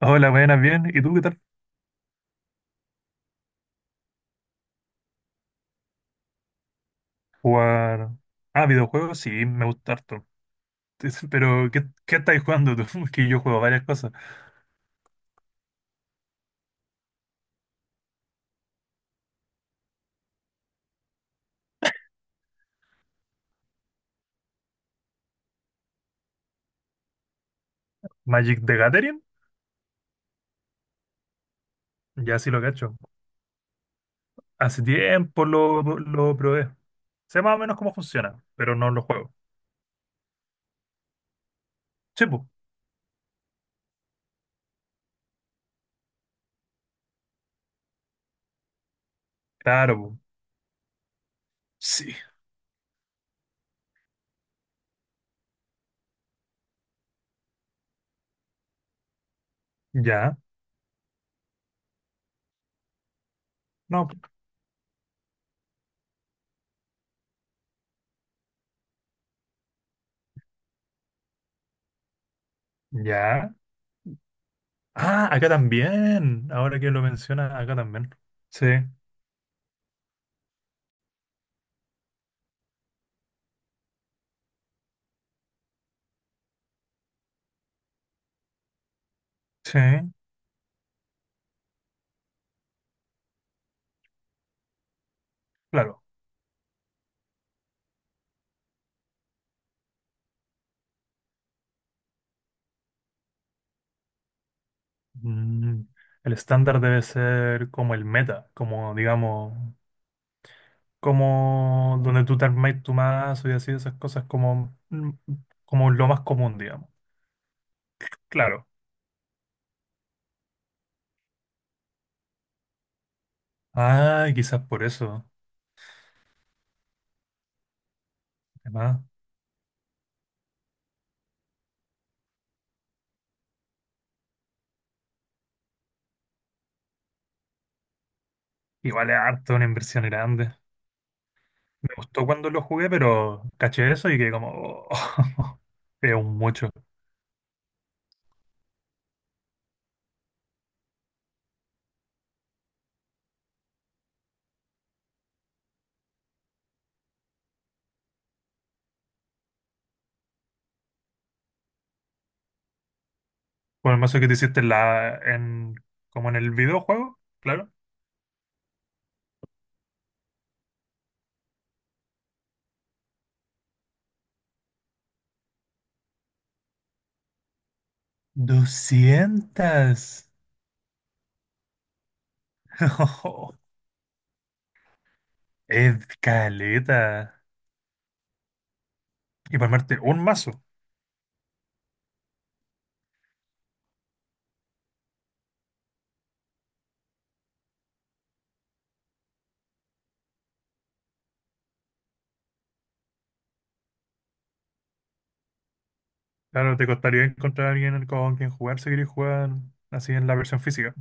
Hola, buenas, bien. ¿Y tú qué tal? ¿Jugar? Ah, videojuegos, sí, me gusta harto. Pero, ¿qué estáis jugando tú? Que yo juego varias cosas. Magic the Gathering, ya sí lo cacho. Hace tiempo lo probé. Sé más o menos cómo funciona, pero no lo juego. Sí, pues. Claro, po. Sí. Ya. No. Ya. Ah, acá también. Ahora que lo menciona, acá también. Sí, sí, claro. Mm, el estándar debe ser como el meta, como digamos, como donde tú te armáis tu mazo y así, esas cosas como, mm, como lo más común, digamos. Claro. Ah, quizás por eso. Además, igual es harto una inversión grande. Me gustó cuando lo jugué, pero caché eso y que como, oh, es un mucho. Con el mazo que te hiciste en la, en, como en el videojuego, claro. 200. Es caleta. Y para armarte un mazo. Claro, te costaría encontrar a alguien con quien jugar si querés jugar así en la versión física,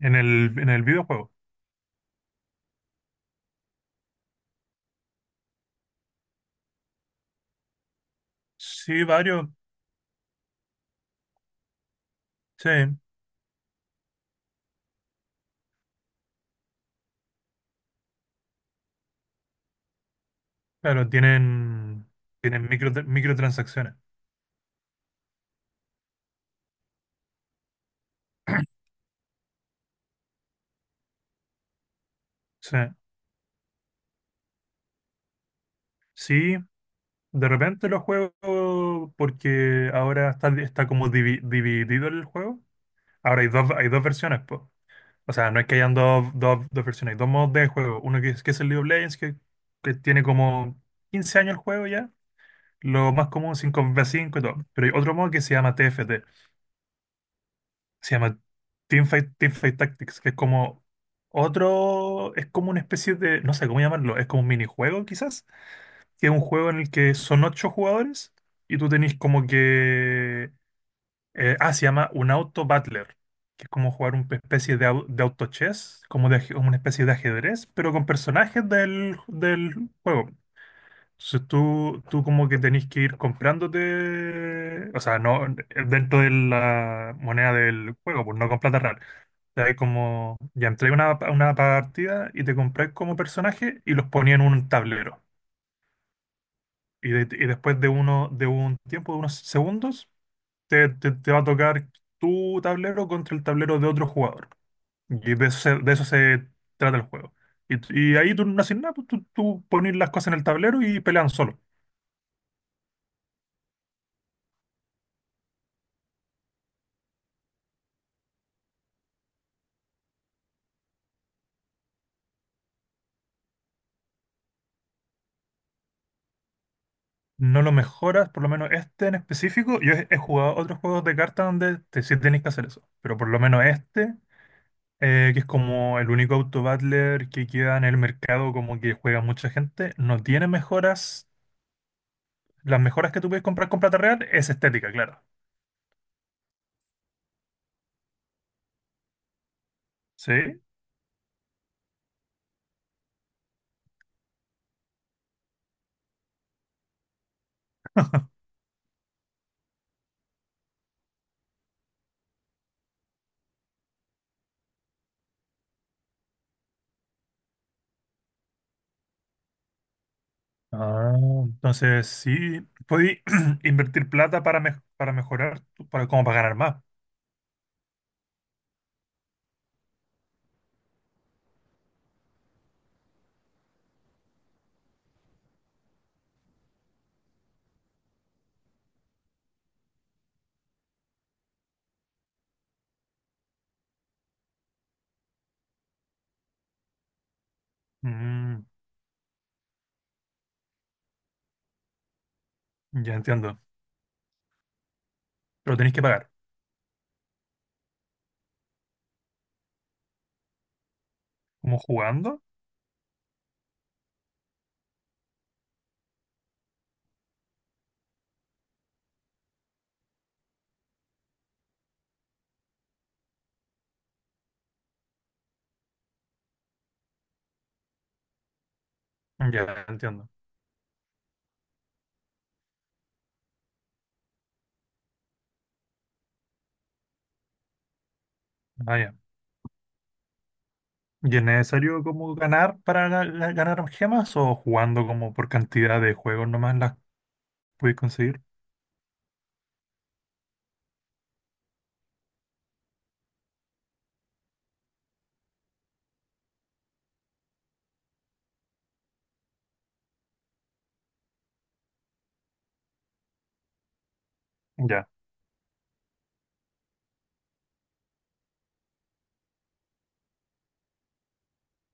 en el videojuego. Sí, varios, sí, claro, tienen, tienen microtransacciones. Sí, sí, de repente lo juego porque ahora está, está como dividido el juego. Ahora hay dos versiones, po. O sea, no es que hayan dos versiones, hay dos modos de juego. Uno que es el League of Legends, que tiene como 15 años el juego ya. Lo más común cinco v cinco y todo. Pero hay otro modo que se llama TFT. Se llama Teamfight Tactics, que es como otro. Es como una especie de. No sé cómo llamarlo. Es como un minijuego, quizás. Que es un juego en el que son 8 jugadores y tú tenés como que se llama un auto battler. Que es como jugar una especie de, de auto chess, como de, como una especie de ajedrez, pero con personajes del, del juego. Entonces tú como que tenés que ir comprándote, o sea, no dentro de la moneda del juego, pues no con plata real. O sea, es como, ya entré a una partida y te compré como personaje y los ponía en un tablero. Y, y después de, uno, de un tiempo, de unos segundos, te va a tocar tu tablero contra el tablero de otro jugador. Y de eso se trata el juego. Y ahí tú no haces nada, pues tú pones las cosas en el tablero y pelean solos. No lo mejoras, por lo menos este en específico. Yo he, he jugado otros juegos de cartas donde te, sí tenés que hacer eso, pero por lo menos este, que es como el único auto-battler que queda en el mercado, como que juega mucha gente, no tiene mejoras. Las mejoras que tú puedes comprar con plata real es estética, claro. ¿Sí? Ah, entonces sí, podéis invertir plata para, para mejorar, para, como para ganar más. Mm, ya entiendo. Pero tenéis que pagar. ¿Como jugando? Ya entiendo. Ah, ya. ¿Y es necesario como ganar para ganar gemas o jugando como por cantidad de juegos nomás las puedes conseguir? Ya.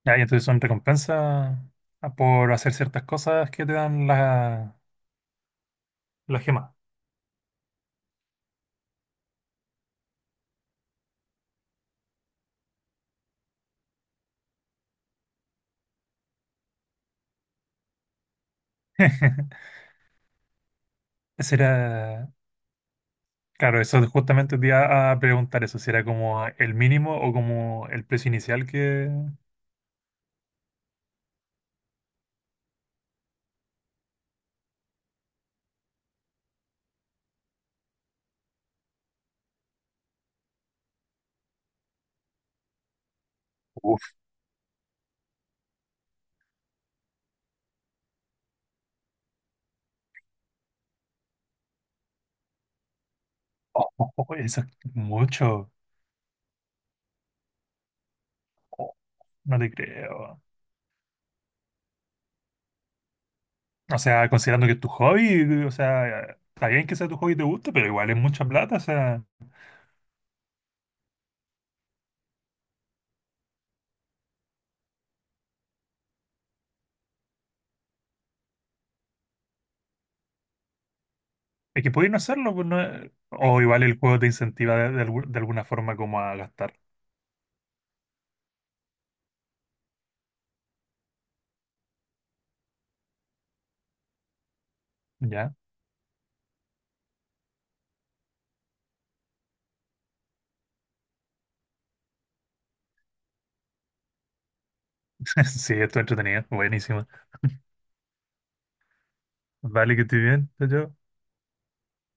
Ya, y entonces son recompensas por hacer ciertas cosas que te dan la, la gema. Ese era, claro, eso justamente te iba a preguntar eso, si era como el mínimo o como el precio inicial que... Uf, oh, oh, oh, eso es mucho. Oh, no te creo. O sea, considerando que es tu hobby, o sea, está bien que sea tu hobby y te guste, pero igual es mucha plata, o sea, es que podéis no hacerlo, pues no o igual el juego te incentiva de, de alguna forma como a gastar, ¿ya? Sí, esto es entretenido, buenísimo. Vale, que estoy bien, yo.